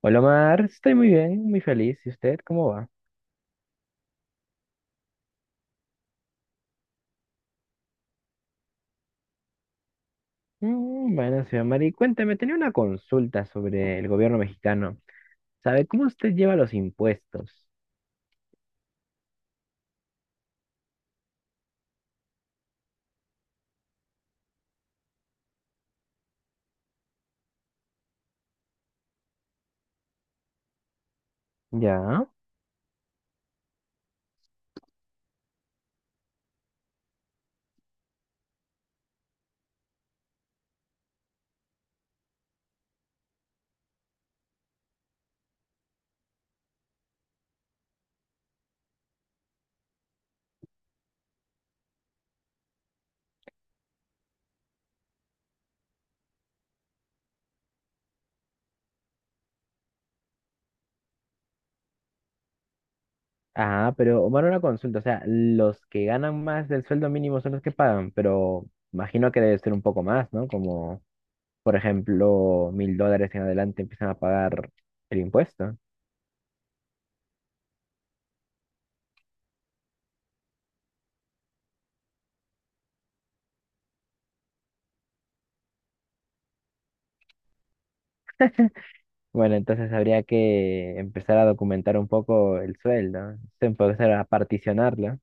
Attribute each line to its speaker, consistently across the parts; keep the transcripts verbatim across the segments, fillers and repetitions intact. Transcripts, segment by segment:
Speaker 1: Hola Omar, estoy muy bien, muy feliz. ¿Y usted cómo va? Mm, bueno, señor Mari, cuénteme, tenía una consulta sobre el gobierno mexicano. ¿Sabe cómo usted lleva los impuestos? ¿Ya? Ah, pero Omar, una consulta. O sea, los que ganan más del sueldo mínimo son los que pagan, pero imagino que debe ser un poco más, ¿no? Como, por ejemplo, mil dólares en adelante empiezan a pagar el impuesto. Bueno, entonces habría que empezar a documentar un poco el sueldo, empezar a particionarlo.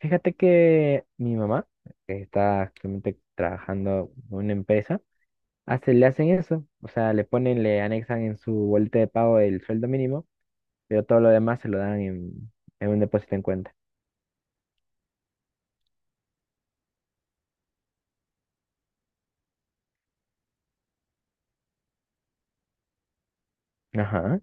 Speaker 1: Fíjate que mi mamá, que está actualmente trabajando en una empresa, hace, le hacen eso, o sea, le ponen, le anexan en su boleta de pago el sueldo mínimo, pero todo lo demás se lo dan en, en un depósito en cuenta. Ajá.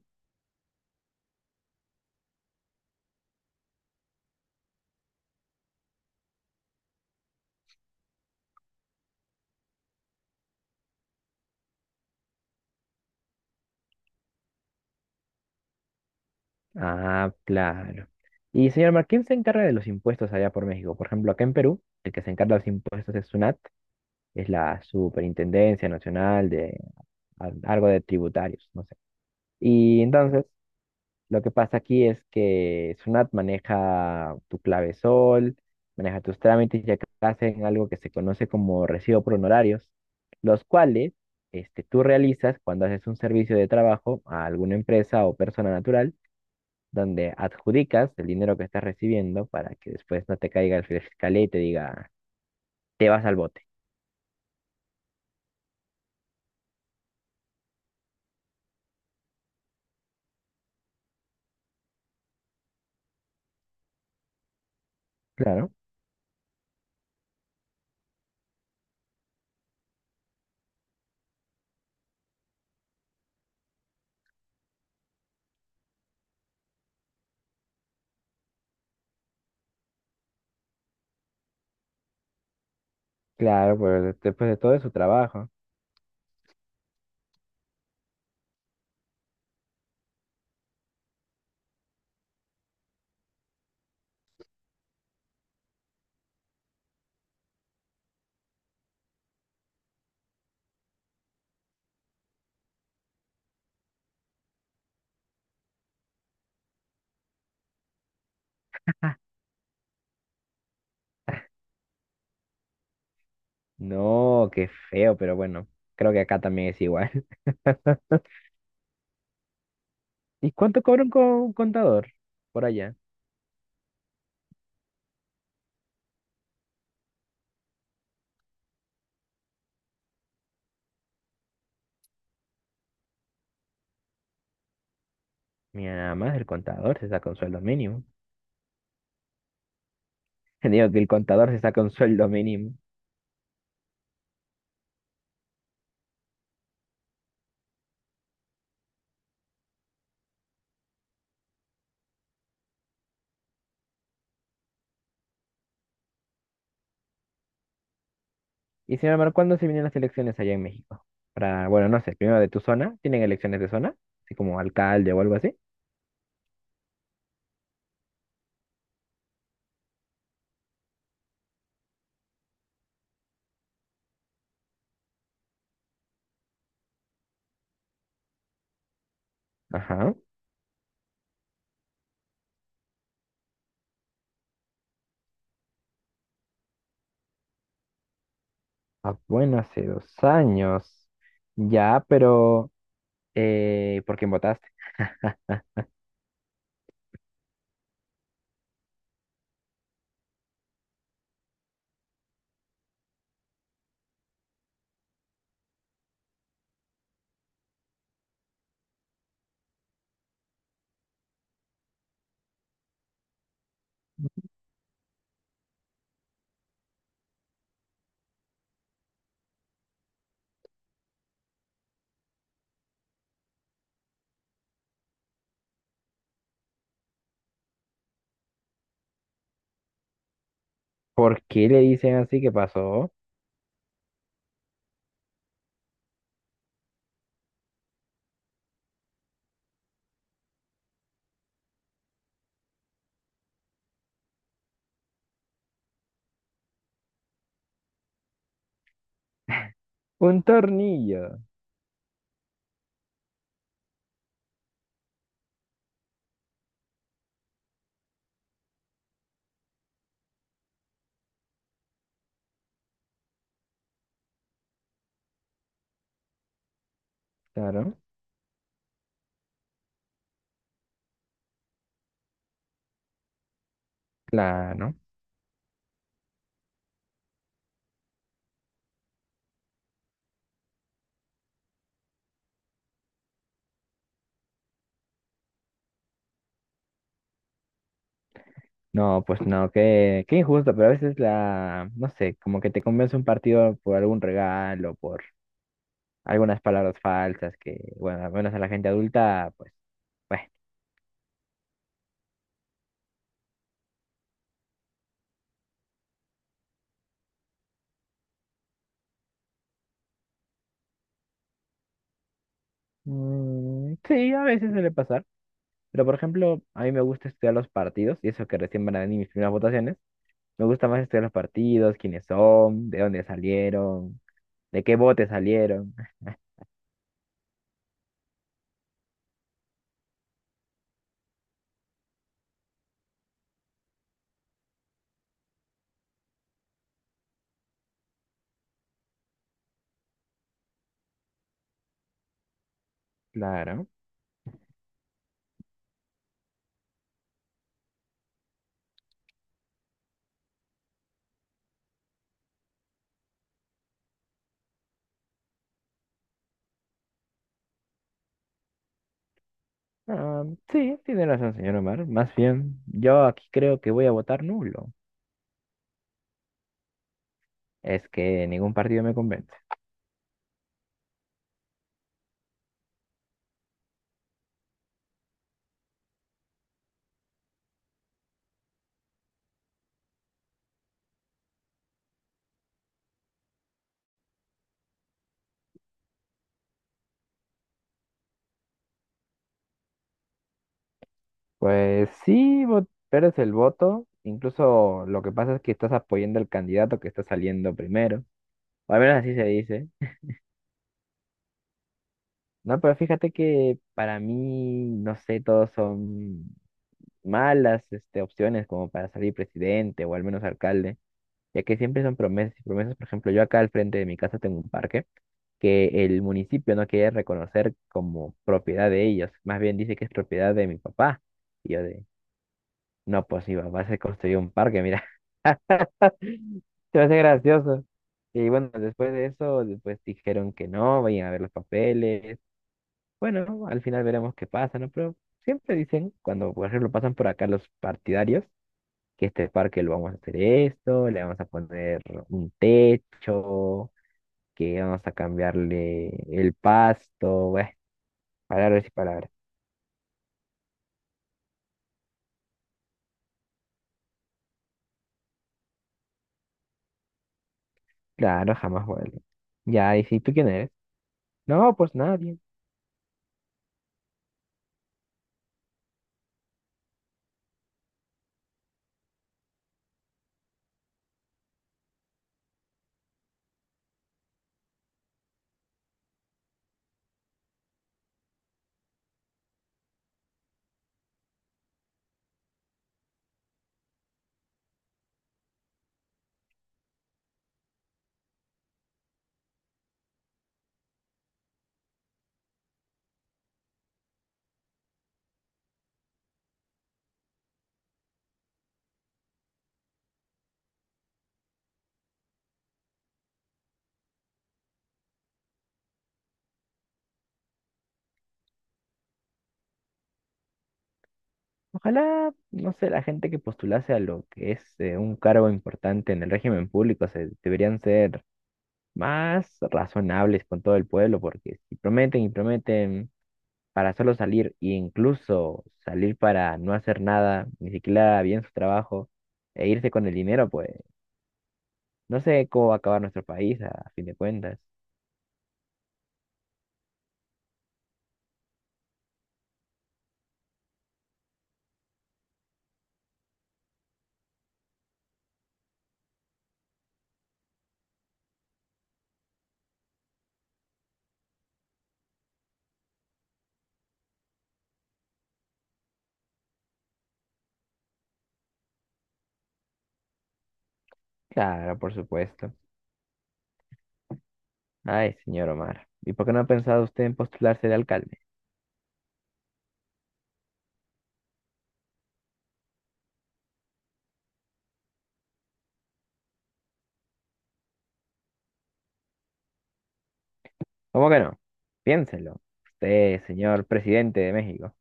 Speaker 1: Ah, claro. Y señor Mar, ¿quién se encarga de los impuestos allá por México? Por ejemplo, acá en Perú, el que se encarga de los impuestos es SUNAT, es la Superintendencia Nacional de al- algo de tributarios, no sé. Y entonces, lo que pasa aquí es que Sunat maneja tu clave sol, maneja tus trámites y acá hacen algo que se conoce como recibo por honorarios, los cuales este, tú realizas cuando haces un servicio de trabajo a alguna empresa o persona natural, donde adjudicas el dinero que estás recibiendo para que después no te caiga el fiscal y te diga, te vas al bote. Claro, claro, pues después de todo es su trabajo. No, qué feo, pero bueno, creo que acá también es igual. ¿Y cuánto cobra un co- contador por allá? Mi mamá, es el contador se saca un sueldo mínimo. Digo que el contador se saca un sueldo mínimo. Y sin embargo, ¿cuándo se vienen las elecciones allá en México? Para, bueno, no sé, primero de tu zona. ¿Tienen elecciones de zona? Así como alcalde o algo así. Ajá. Ah, bueno, hace dos años. Ya, pero eh, ¿por quién votaste? ¿Por qué le dicen así que pasó? Un tornillo. Claro, claro. No, pues no, qué, qué injusto, pero a veces la, no sé, como que te convence un partido por algún regalo, por algunas palabras falsas que, bueno, al menos a la gente adulta, pues, bueno, mm, sí, a veces suele pasar, pero por ejemplo, a mí me gusta estudiar los partidos, y eso que recién van a venir mis primeras votaciones, me gusta más estudiar los partidos, quiénes son, de dónde salieron, de qué bote salieron, claro. Ah, sí, tiene razón, señor Omar. Más bien, yo aquí creo que voy a votar nulo. Es que ningún partido me convence. Pues sí, vot- pero es el voto. Incluso lo que pasa es que estás apoyando al candidato que está saliendo primero. O al menos así se dice. No, pero fíjate que para mí, no sé, todos son malas, este, opciones como para salir presidente o al menos alcalde, ya que siempre son promesas y promesas. Por ejemplo, yo acá al frente de mi casa tengo un parque que el municipio no quiere reconocer como propiedad de ellos. Más bien dice que es propiedad de mi papá. Y yo de, No, pues mi papá se construyó un parque, mira. Se me hace gracioso. Y bueno, después de eso, después dijeron que no, vayan a ver los papeles. Bueno, al final veremos qué pasa, ¿no? Pero siempre dicen, cuando por ejemplo pasan por acá los partidarios, que este parque lo vamos a hacer esto, le vamos a poner un techo, que vamos a cambiarle el pasto, bueno, palabras y palabras. Claro, jamás vuelve. Ya, ¿y si tú quién eres? No, pues nadie. Ojalá, no sé, la gente que postulase a lo que es eh, un cargo importante en el régimen público se, deberían ser más razonables con todo el pueblo, porque si prometen y prometen para solo salir, e incluso salir para no hacer nada, ni siquiera bien su trabajo, e irse con el dinero, pues no sé cómo va a acabar nuestro país a fin de cuentas. Claro, por supuesto. Ay, señor Omar, ¿y por qué no ha pensado usted en postularse de alcalde? ¿Cómo que no? Piénselo. Usted, señor presidente de México.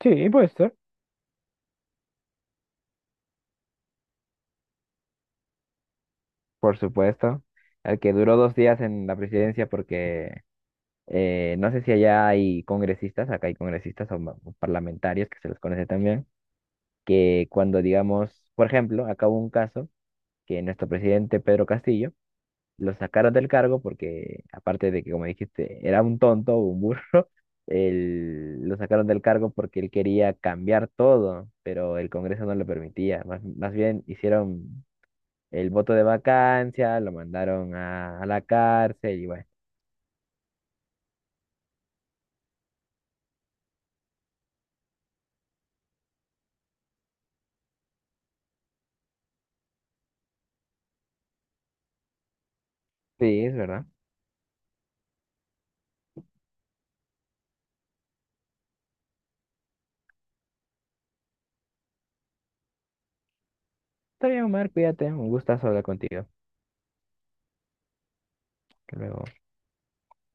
Speaker 1: Sí, puede ser. Por supuesto, al que duró dos días en la presidencia porque eh, no sé si allá hay congresistas, acá hay congresistas o, ma- o parlamentarios que se los conoce también, que cuando digamos, por ejemplo, acá hubo un caso que nuestro presidente Pedro Castillo lo sacaron del cargo porque, aparte de que, como dijiste, era un tonto, un burro, él- lo sacaron del cargo porque él quería cambiar todo, pero el Congreso no lo permitía. Más, más bien hicieron el voto de vacancia, lo mandaron a, a la cárcel y bueno. Sí, es verdad. Está bien, Omar, cuídate. Un gustazo hablar contigo. Hasta luego.